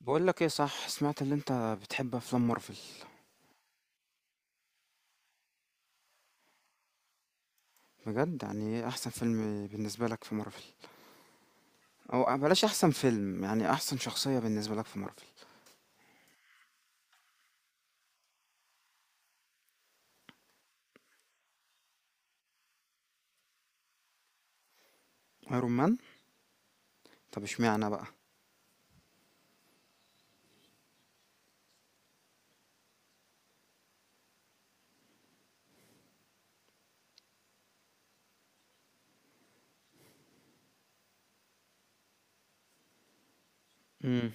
بقول لك ايه، صح؟ سمعت اللي انت بتحب افلام مارفل؟ بجد؟ يعني ايه احسن فيلم بالنسبه لك في مارفل؟ او بلاش احسن فيلم، يعني احسن شخصيه بالنسبه لك في مارفل؟ ايرون مان؟ طب اشمعنى بقى؟ امم.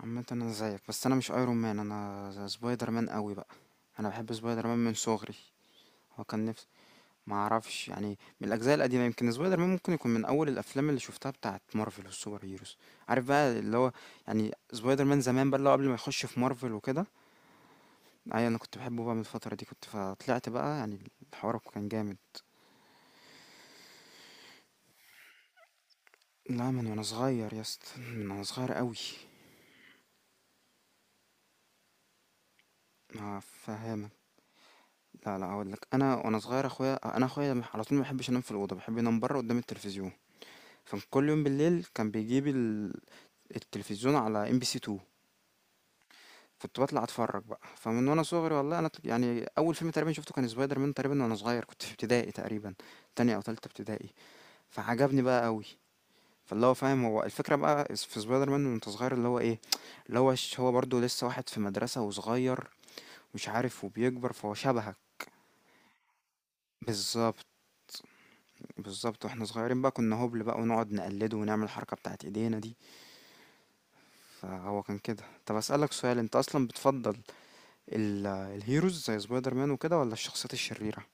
عامه انا زيك، بس انا مش ايرون مان، انا سبايدر مان قوي بقى. انا بحب سبايدر مان من صغري. هو كان نفسي. ما اعرفش يعني. من الاجزاء القديمه، يمكن سبايدر مان ممكن يكون من اول الافلام اللي شفتها بتاعه مارفل والسوبر هيروز. عارف بقى اللي هو؟ يعني سبايدر مان زمان بقى، اللي هو قبل ما يخش في مارفل وكده. أيوه، أنا كنت باحبه بقى من الفترة دي، كنت فطلعت بقى يعني. الحوار كان جامد. لا، من وأنا صغير يا اسطى، من وأنا صغير أوي. هافهمك. لا، لا، هاقول لك، أنا وأنا صغير، أخويا على طول ما بيحبش ينام في الأوضة، بيحب ينام برا قدام التلفزيون. فكل يوم بالليل كان بيجيب التلفزيون على ام بي سي 2. كنت بطلع اتفرج بقى، فمن وانا صغير والله، انا يعني اول فيلم تقريبا شفته كان سبايدر مان تقريبا، وانا صغير كنت في ابتدائي تقريبا. تانية او تالتة ابتدائي. فعجبني بقى قوي. فاللي هو، فاهم؟ هو الفكرة بقى في سبايدر مان وانت صغير، اللي هو ايه؟ اللي هو هو برضه لسه واحد في مدرسة وصغير، مش عارف، وبيكبر، فهو شبهك. بالظبط. بالظبط، واحنا صغيرين بقى كنا هبل بقى، ونقعد نقلده ونعمل الحركة بتاعت ايدينا دي. فهو كان كده. طب اسألك سؤال، انت اصلا بتفضل الهيروز زي سبايدر مان وكده ولا الشخصيات الشريرة؟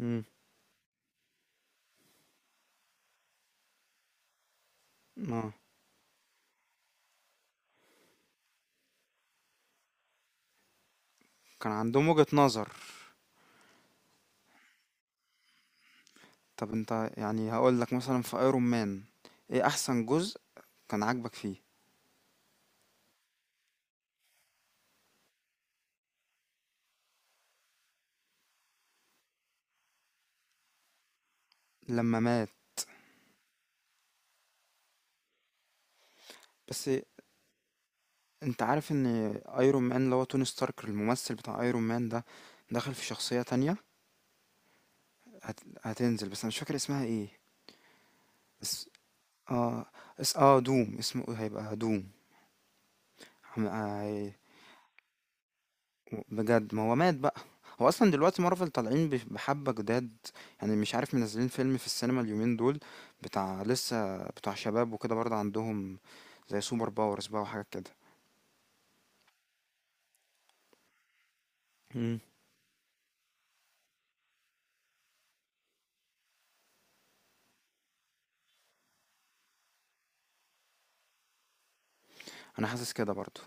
امم. اه، كان عندهم وجهة نظر. طب انت يعني، هقول لك مثلا في ايرون مان، ايه احسن جزء كان عاجبك فيه؟ لما مات. بس انت عارف ان ايرون مان، اللي هو توني ستارك، الممثل بتاع ايرون مان ده، دخل في شخصية تانية. هتنزل بس انا مش فاكر اسمها ايه. اس... اه اس... اه دوم. اسمه إيه؟ هيبقى دوم. عم- آه... بجد، ما هو مات بقى. هو اصلا دلوقتي مارفل طالعين بحبة جداد. يعني مش عارف، منزلين فيلم في السينما اليومين دول، بتاع، لسه بتاع شباب وكده برضه عندهم، زي سوبر باورز بقى وحاجات كده. مم. انا حاسس كده برضه.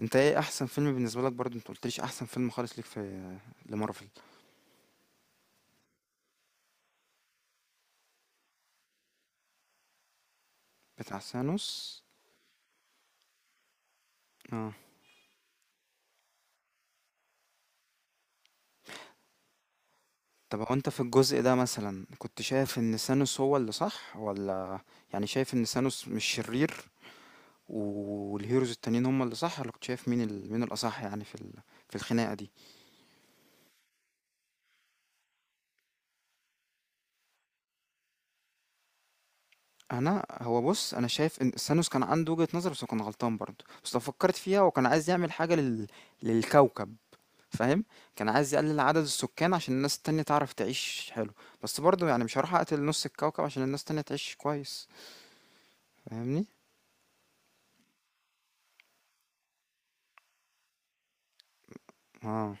انت، ايه احسن فيلم بالنسبه لك برضه؟ انت قلتليش احسن فيلم خالص ليك في لمارفل. بتاع سانوس. اه. طب هو انت في الجزء ده مثلا، كنت شايف ان سانوس هو اللي صح ولا، يعني شايف ان سانوس مش شرير والهيروز التانيين هم اللي صح، ولا كنت شايف مين مين الاصح يعني في في الخناقه دي؟ انا، هو بص، انا شايف ان سانوس كان عنده وجهه نظر بس هو كان غلطان برضه، بس لو فكرت فيها هو كان عايز يعمل حاجه للكوكب. فاهم؟ كان عايز يقلل عدد السكان عشان الناس التانية تعرف تعيش حلو، بس برضه يعني مش هاروح أقتل نُص الكوكب عشان الناس التانية تعيش كويس، فاهمني؟ آه،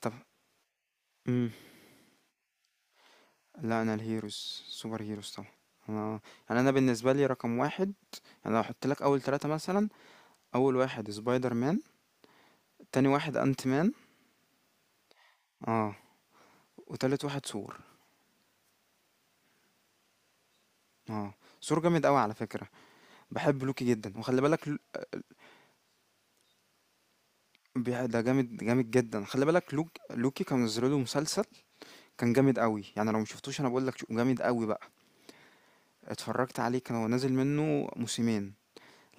طب إمم، لأ، أنا الheroes، super heroes طبعًا، أنا يعني أنا بالنسبة لي رقم 1. أنا لو هاحط لك أول 3 مثلًا، أول واحد spider man، تاني واحد ant man، آه، وتالت واحد ثور، آه، ثور جامد أوي على فكرة. باحب لوكي جدًا، وخلّي بالك بي ده جامد جامد جدًا، خلّي بالك لوكي كانوا نزّلوا له مسلسل. كان جامد أوي، يعني لو مشفتوش أنا باقول لك شو جامد أوي بقى. اتفرّجت عليه كان هو نازل منّه موسمين.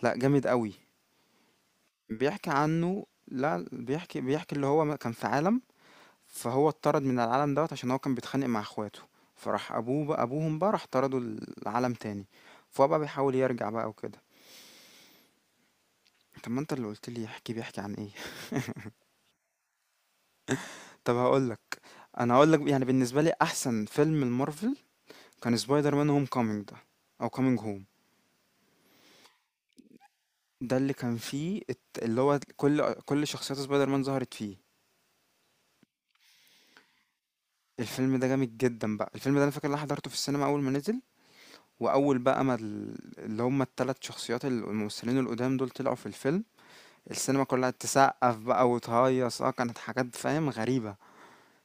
لأ، جامد أوي. بيحكي عنّه لأ بيحكي بيحكي اللي هو كان في عالم، فهو اتطرد من العالم دوّة عشان هو كان بيتخانق مع اخواته، فراح أبوهم بقى راح طرده لعالم تاني، فهو بقى بيحاول يرجع بقى وكده. طَب ما أنت اللي قُلت لي احكِ بيحكي عن إيه؟ طَب هاقول لك، أنا هاقول لك يعني بالنسبة لي أحسن فيلم لmarvel كان spider man homecoming ده، أو coming home. ده اللي كان فيه الت- اللي هو كل شخصيات سبايدر مان ظهرت فيه. الفيلم ده جامد جدا بقى، الفيلم ده انا فاكر ان انا حضرته في السينما اول ما نزل، واول بقى ما اللي هم الثلاث شخصيات الممثلين القدام دول طلعوا في الفيلم، السينما كلها تسقف بقى وتهيص، كانت حاجات فاهم غريبة،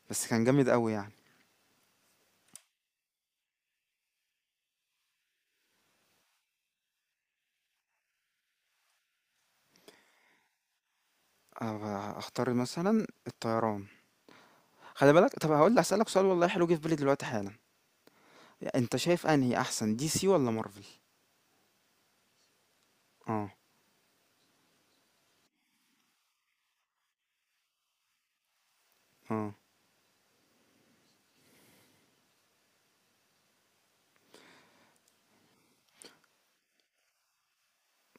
بس كان جامد قوي يعني. أه، اختار مثلا الطيران. خلي بالك، طب هسألك سؤال والله حلو جه في بالي دلوقتي حالا. انت شايف انهي احسن، دي سي ولا مارفل؟ اه، اه،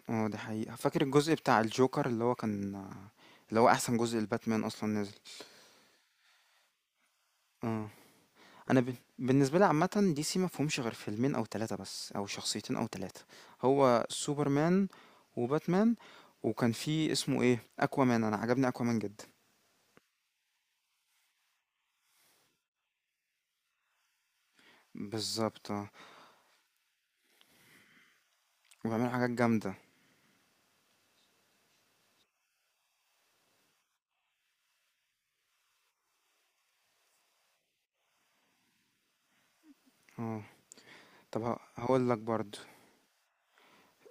اه، دي حقيقة، فاكر الجزء بتاع الجوكر اللي هو كان اللي هو احسن جزء الباتمان اصلا نزل. اه. انا بالنسبة لي عامة دي سي ما فيهمش غير فيلمين او ثلاثة بس، او شخصيتين او ثلاثة. هو سوبرمان، وباتمان، وكان في اسمه ايه، اكوامان، انا عجبني اكوامان جدا. بالظبط، اه. وبيعمل حاجات جامدة. اه. طب هقول لك برضو،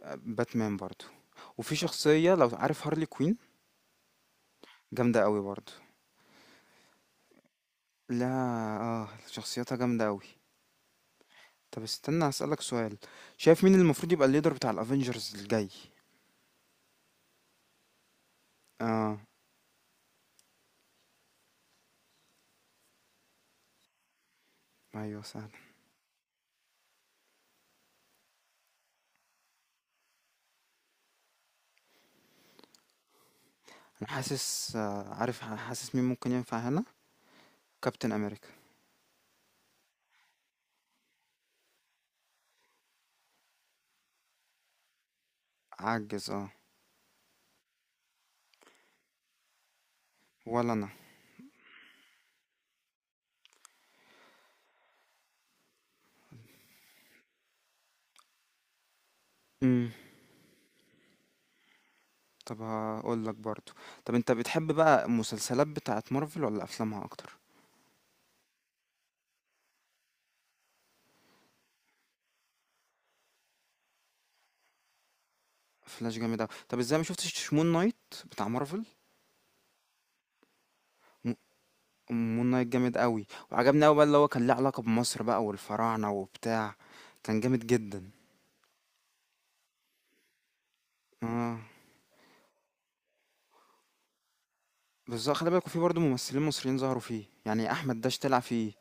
آه، باتمان برضو. وفي شخصية، لو عارف، هارلي كوين، جامدة قوي برضو. لا. اه، شخصيتها جامدة قوي. طب استنى، هسألك سؤال. شايف مين المفروض يبقى الليدر بتاع الافينجرز الجاي؟ اه. ايوه، سهل. انا حاسس، عارف، حاسس مين ممكن ينفع هنا. كابتن امريكا. عجز، اه. ولا انا. امم. طب هقول لك برضو. طب انت بتحب بقى المسلسلات بتاعه مارفل ولا افلامها اكتر؟ فلاش جامد اوي. طب ازاي ما شفتش مون نايت بتاع مارفل؟ م- مون نايت جامد قوي وعجبني قوي بقى، اللي هو كان ليه علاقة بمصر بقى والفراعنة وبتاع. كان جامد جدا. اه. بالضبط خلّي بالك، وفي برضه ممثلين مصريين ظهروا فيه، يعني أحمد داش طلع فيه،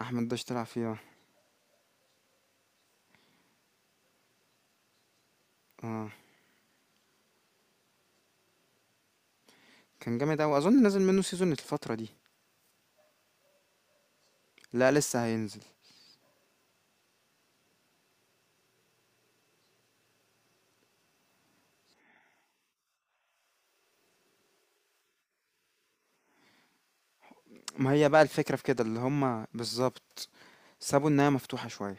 أحمد داش طلع فيه، آه، آه، كان جامد أوي، أظن نازل منّه season الفترة دي. لأ، لسه هينزل. ما هي بقى الفكرة في كده اللي هُم بالضبط، سابوا النهاية مفتوحة شوية،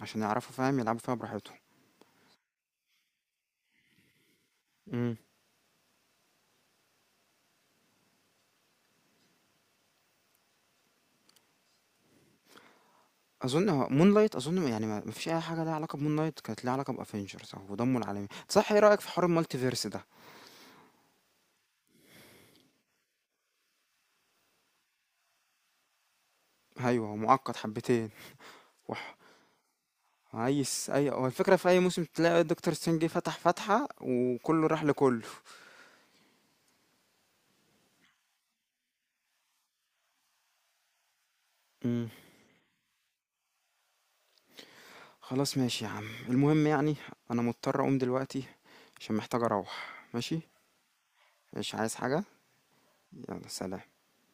عشان يعرفوا فاهم يلعبوا فيها براحتهم. إمم، أظن Moonlight، أظن يعني ما فيش أي حاجة ليها علاقة بMoonlight، كانت ليها علاقة بAvengers أو بضمّه العالمي، صح. إيه رأيك في حوار الMultiverse ده؟ أيوه، هو مُعقّد حبتين. وح عايز اي، هو الفكرة في اي موسم تلاقي دكتور سترينج فتح فتحة وكله راح لكله. امم. خلاص، ماشي يا عم، المهم يعني، انا مضطر اقوم دلوقتي عشان محتاج اروح. ماشي. مش عايز حاجة. يلا سلام.